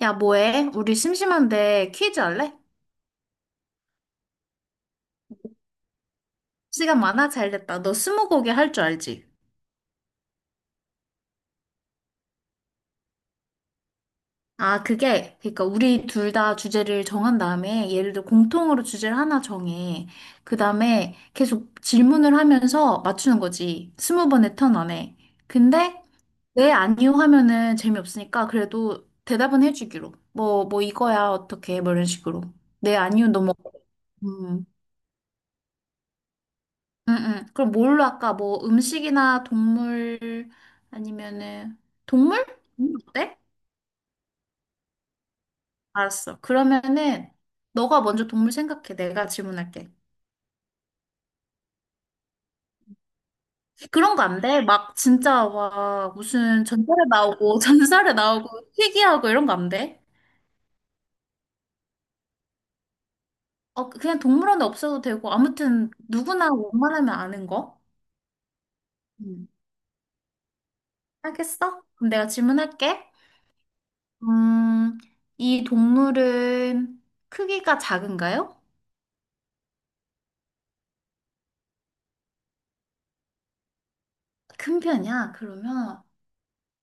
야, 뭐해? 우리 심심한데 퀴즈 할래? 시간 많아? 잘 됐다. 너 스무고개 할 줄 알지? 아, 그게, 그러니까 우리 둘 다 주제를 정한 다음에, 예를 들어 공통으로 주제를 하나 정해. 그 다음에 계속 질문을 하면서 맞추는 거지. 스무 번의 턴 안에. 근데, 네, 아니요 하면은 재미없으니까 그래도 대답은 해주기로. 뭐 이거야, 어떻게, 뭐 이런 식으로. 네, 아니요, 너무. 응, 응. 그럼 뭘로 할까? 뭐 음식이나 동물 아니면은 동물? 음. 어때? 알았어. 그러면은 너가 먼저 동물 생각해. 내가 질문할게. 그런 거 안 돼? 막 진짜 와 무슨 전설에 나오고 전설에 나오고 희귀하고 이런 거 안 돼? 어 그냥 동물원에 없어도 되고 아무튼 누구나 웬만하면 아는 거. 음. 알겠어? 그럼 내가 질문할게. 음, 이 동물은 크기가 작은가요? 큰 편이야? 그러면,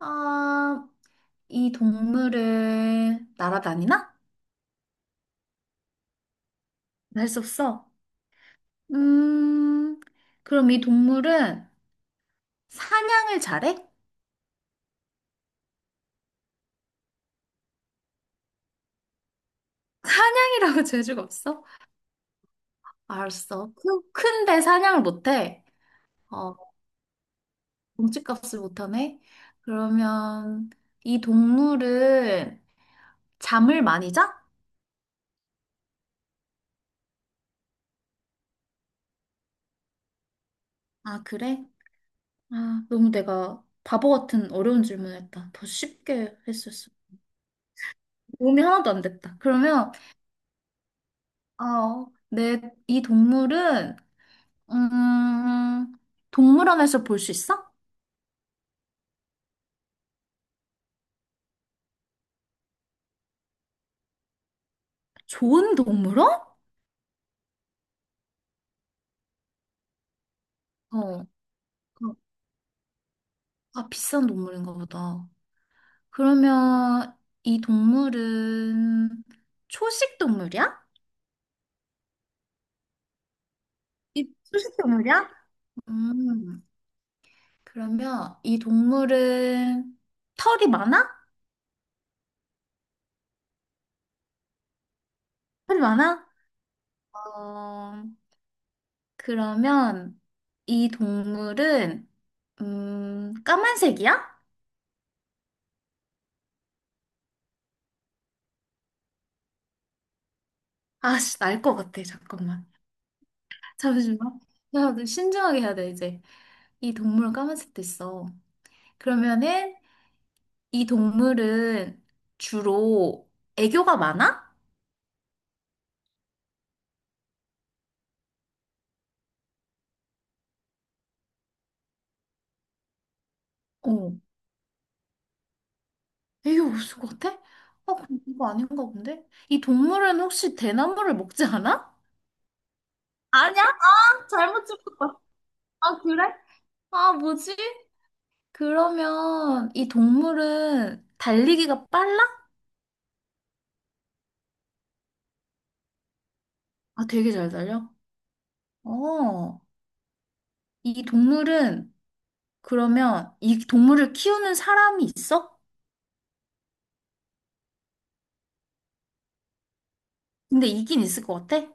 아, 이 동물을 날아다니나? 할 수 없어. 음, 그럼 이 동물은 사냥을 잘해? 사냥이라고 재주가 없어? 알았어. 큰데 사냥을 못해. 어, 몸집값을 못하네. 그러면 이 동물은 잠을 많이 자? 아, 그래? 아, 너무 내가 바보 같은 어려운 질문을 했다. 더 쉽게 했었어. 도움이 하나도 안 됐다. 그러면 어, 내, 이 동물은, 음, 동물원에서 볼 수 있어? 좋은 동물원? 어, 그- 아, 비싼 동물인가 보다. 그러면 이 동물은 초식 동물이야? 이 초식 동물이야? 음, 그러면 이 동물은 털이 많아? 털이 많아? 어, 그러면 이 동물은, 까만색이야? 아씨, 날 것 같아. 잠깐만. 잠시만. 야, 너 신중하게 해야 돼, 이제. 이 동물은 까만색도 있어. 그러면은, 이 동물은 주로 애교가 많아? 어. 애교 없을 것 같아? 아, 그럼 이거 아닌가 본데? 이 동물은 혹시 대나무를 먹지 않아? 아니야? 아, 잘못 짚었다. 아, 그래? 아, 뭐지? 그러면 이 동물은 달리기가 빨라? 아, 되게 잘 달려? 어. 이 동물은 그러면 이 동물을 키우는 사람이 있어? 근데 있긴 있을 것 같아?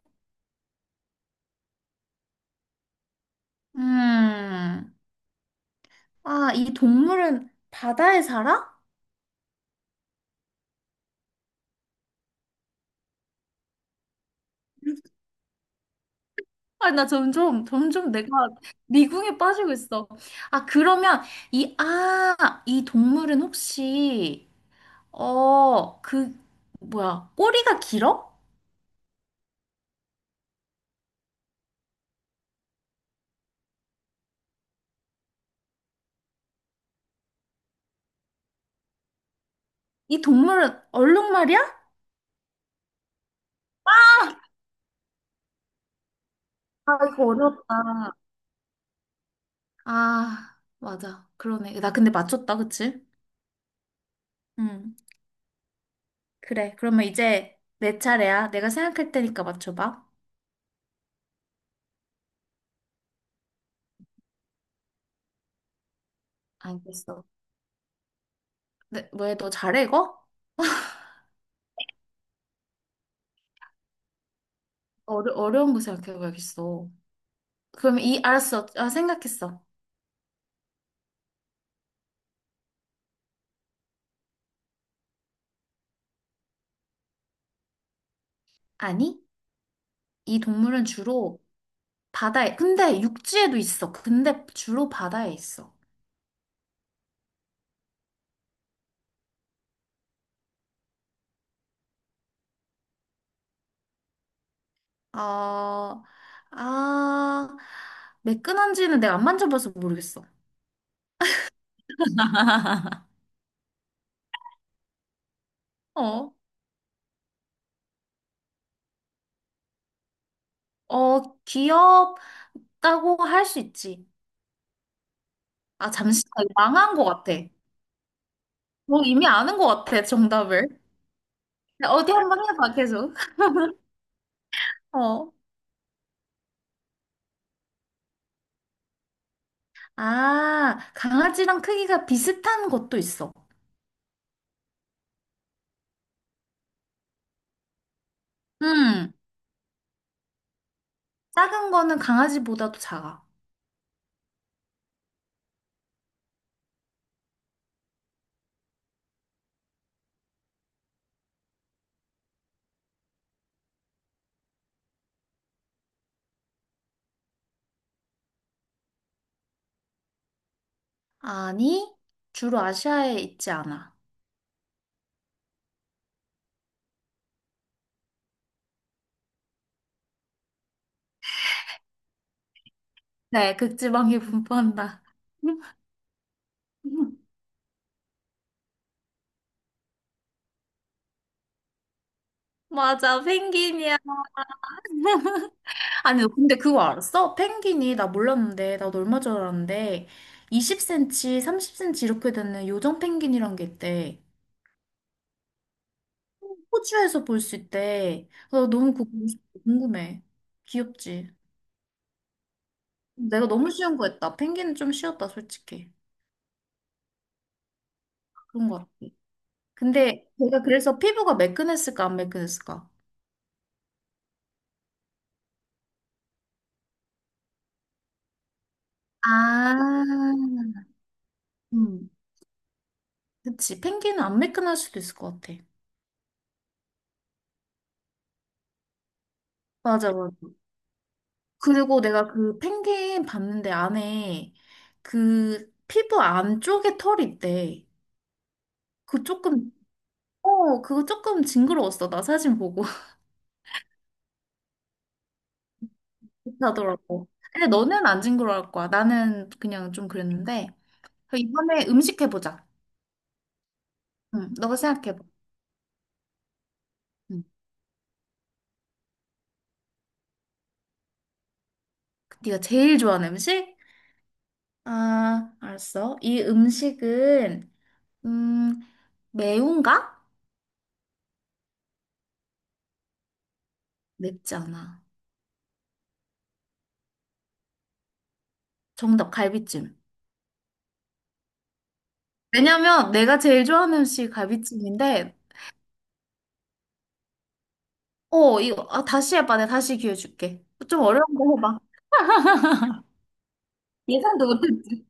음, 아, 이 동물은 바다에 살아? 아, 나 점점, 점점 내가 미궁에 빠지고 있어. 아, 그러면 이 동물은 혹시, 어, 그, 뭐야, 꼬리가 길어? 이 동물은 얼룩말이야? 아, 이거 어렵다. 아, 맞아. 그러네. 나 근데 맞췄다, 그치? 응. 그래. 그러면 이제 내 차례야. 내가 생각할 테니까 맞춰봐. 알겠어. 네, 왜 너 잘해 이거? 어려운 거 생각해봐야겠어. 그럼 이, 알았어. 아, 생각했어. 아니, 이 동물은 주로 바다에, 근데 육지에도 있어. 근데 주로 바다에 있어. 어, 아, 매끈한지는 내가 안 만져봐서 모르겠어. 어, 어, 귀엽다고 할 수 있지. 아, 잠시, 나 이거 망한 것 같아. 뭐 이미 아는 것 같아, 정답을. 네, 어디 한번 해봐, 계속. 어. 아, 강아지랑 크기가 비슷한 것도 있어. 음, 작은 거는 강아지보다도 작아. 아니, 주로 아시아에 있지 않아. 네, 극지방이 분포한다. 맞아, 펭귄이야. 아니, 근데 그거 알았어? 펭귄이, 나 몰랐는데, 나도 얼마 전 알았는데, 20cm, 30cm 이렇게 되는 요정 펭귄이란 게 있대. 호주에서 볼 수 있대. 나 너무 그거 궁금해. 귀엽지? 내가 너무 쉬운 거 했다. 펭귄은 좀 쉬웠다, 솔직히. 그런 거 같아. 근데 내가 그래서 피부가 매끈했을까, 안 매끈했을까? 아, 음, 그치. 펭귄은 안 매끈할 수도 있을 것 같아. 맞아, 맞아. 그리고 내가 그 펭귄 봤는데 안에 그 피부 안쪽에 털이 있대. 그 조금, 어, 그거 조금 징그러웠어. 나 사진 보고. 비슷하더라고. 근데 너는 안 징그러울 거야. 나는 그냥 좀 그랬는데. 그럼 이번에 음식 해보자. 응, 너가 생각해봐. 응. 네가 제일 좋아하는 음식? 아, 알았어. 이 음식은, 음, 매운가? 맵지 않아. 정답, 갈비찜. 왜냐면 내가 제일 좋아하는 음식이 갈비찜인데, 어, 이거, 아, 다시 해봐. 내가 다시 기회 줄게. 좀 어려운 거 해봐. 예상도 못했지.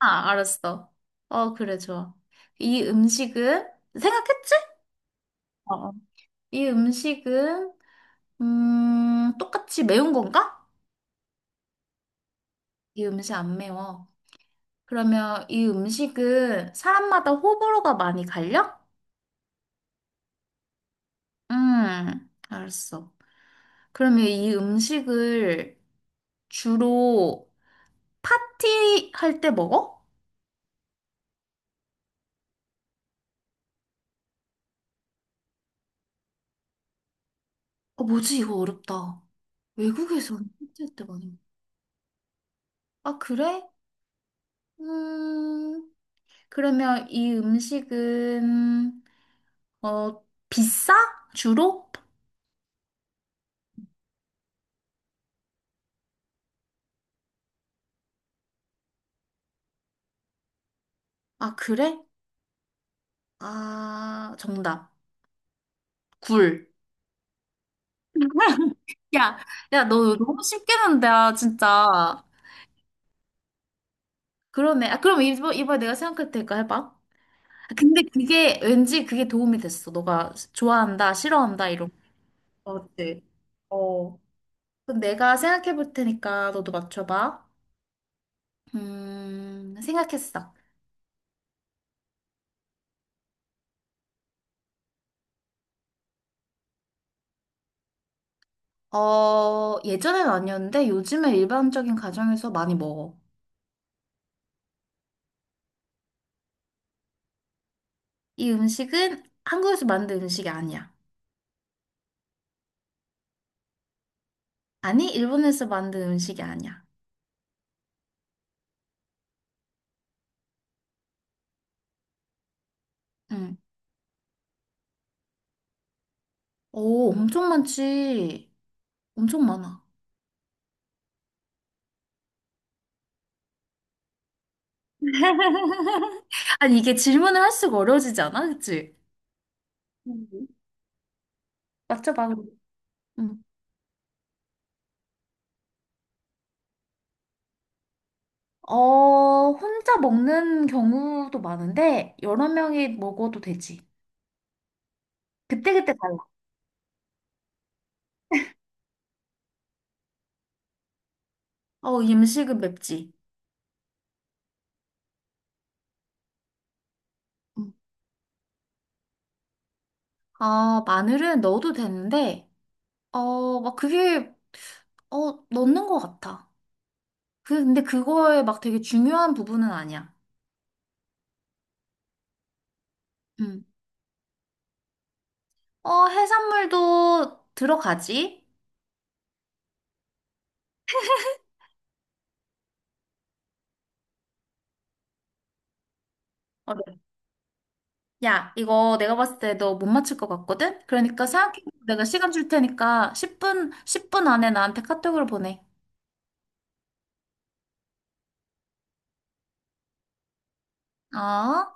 아, 알았어. 어, 그래, 좋아. 이 음식은, 생각했지? 어, 어. 이 음식은 똑같이 매운 건가? 이 음식 안 매워. 그러면 이 음식은 사람마다 호불호가 많이 갈려? 알았어. 그러면 이 음식을 주로 파티할 때 먹어? 어, 뭐지? 이거 어렵다. 외국에서는 파티할 때 많이 먹어. 아, 그래? 음, 그러면 이 음식은 어, 비싸? 주로? 아, 그래? 아, 정답. 굴. 야, 너 너무 쉽게 낸다, 진짜. 그러네. 아, 그럼 이번에 내가 생각할 테니까 해봐. 아, 근데 그게 왠지 그게 도움이 됐어. 너가 좋아한다, 싫어한다, 이런 거. 어때? 어. 그럼 내가 생각해 볼 테니까 너도 맞춰봐. 생각했어. 어, 예전엔 아니었는데 요즘에 일반적인 가정에서 많이 먹어. 이 음식은 한국에서 만든 음식이 아니야. 아니, 일본에서 만든 음식이 아니야. 응. 오, 엄청 많지. 엄청 많아. 아니, 이게 질문을 할 수가 어려워지지 않아? 그치? 음. 맞춰봐. 그럼. 응. 어, 혼자 먹는 경우도 많은데, 여러 명이 먹어도 되지. 그때그때 달라. 어, 이 음식은 맵지. 응. 아, 마늘은 넣어도 되는데, 어, 막 그게, 어, 넣는 것 같아. 근데 그거에 막 되게 중요한 부분은 아니야. 응. 어, 해산물도 들어가지? 어려워. 야, 이거 내가 봤을 때 너 못 맞출 것 같거든? 그러니까 생각해. 내가 시간 줄 테니까 10분, 10분 안에 나한테 카톡으로 보내. 어?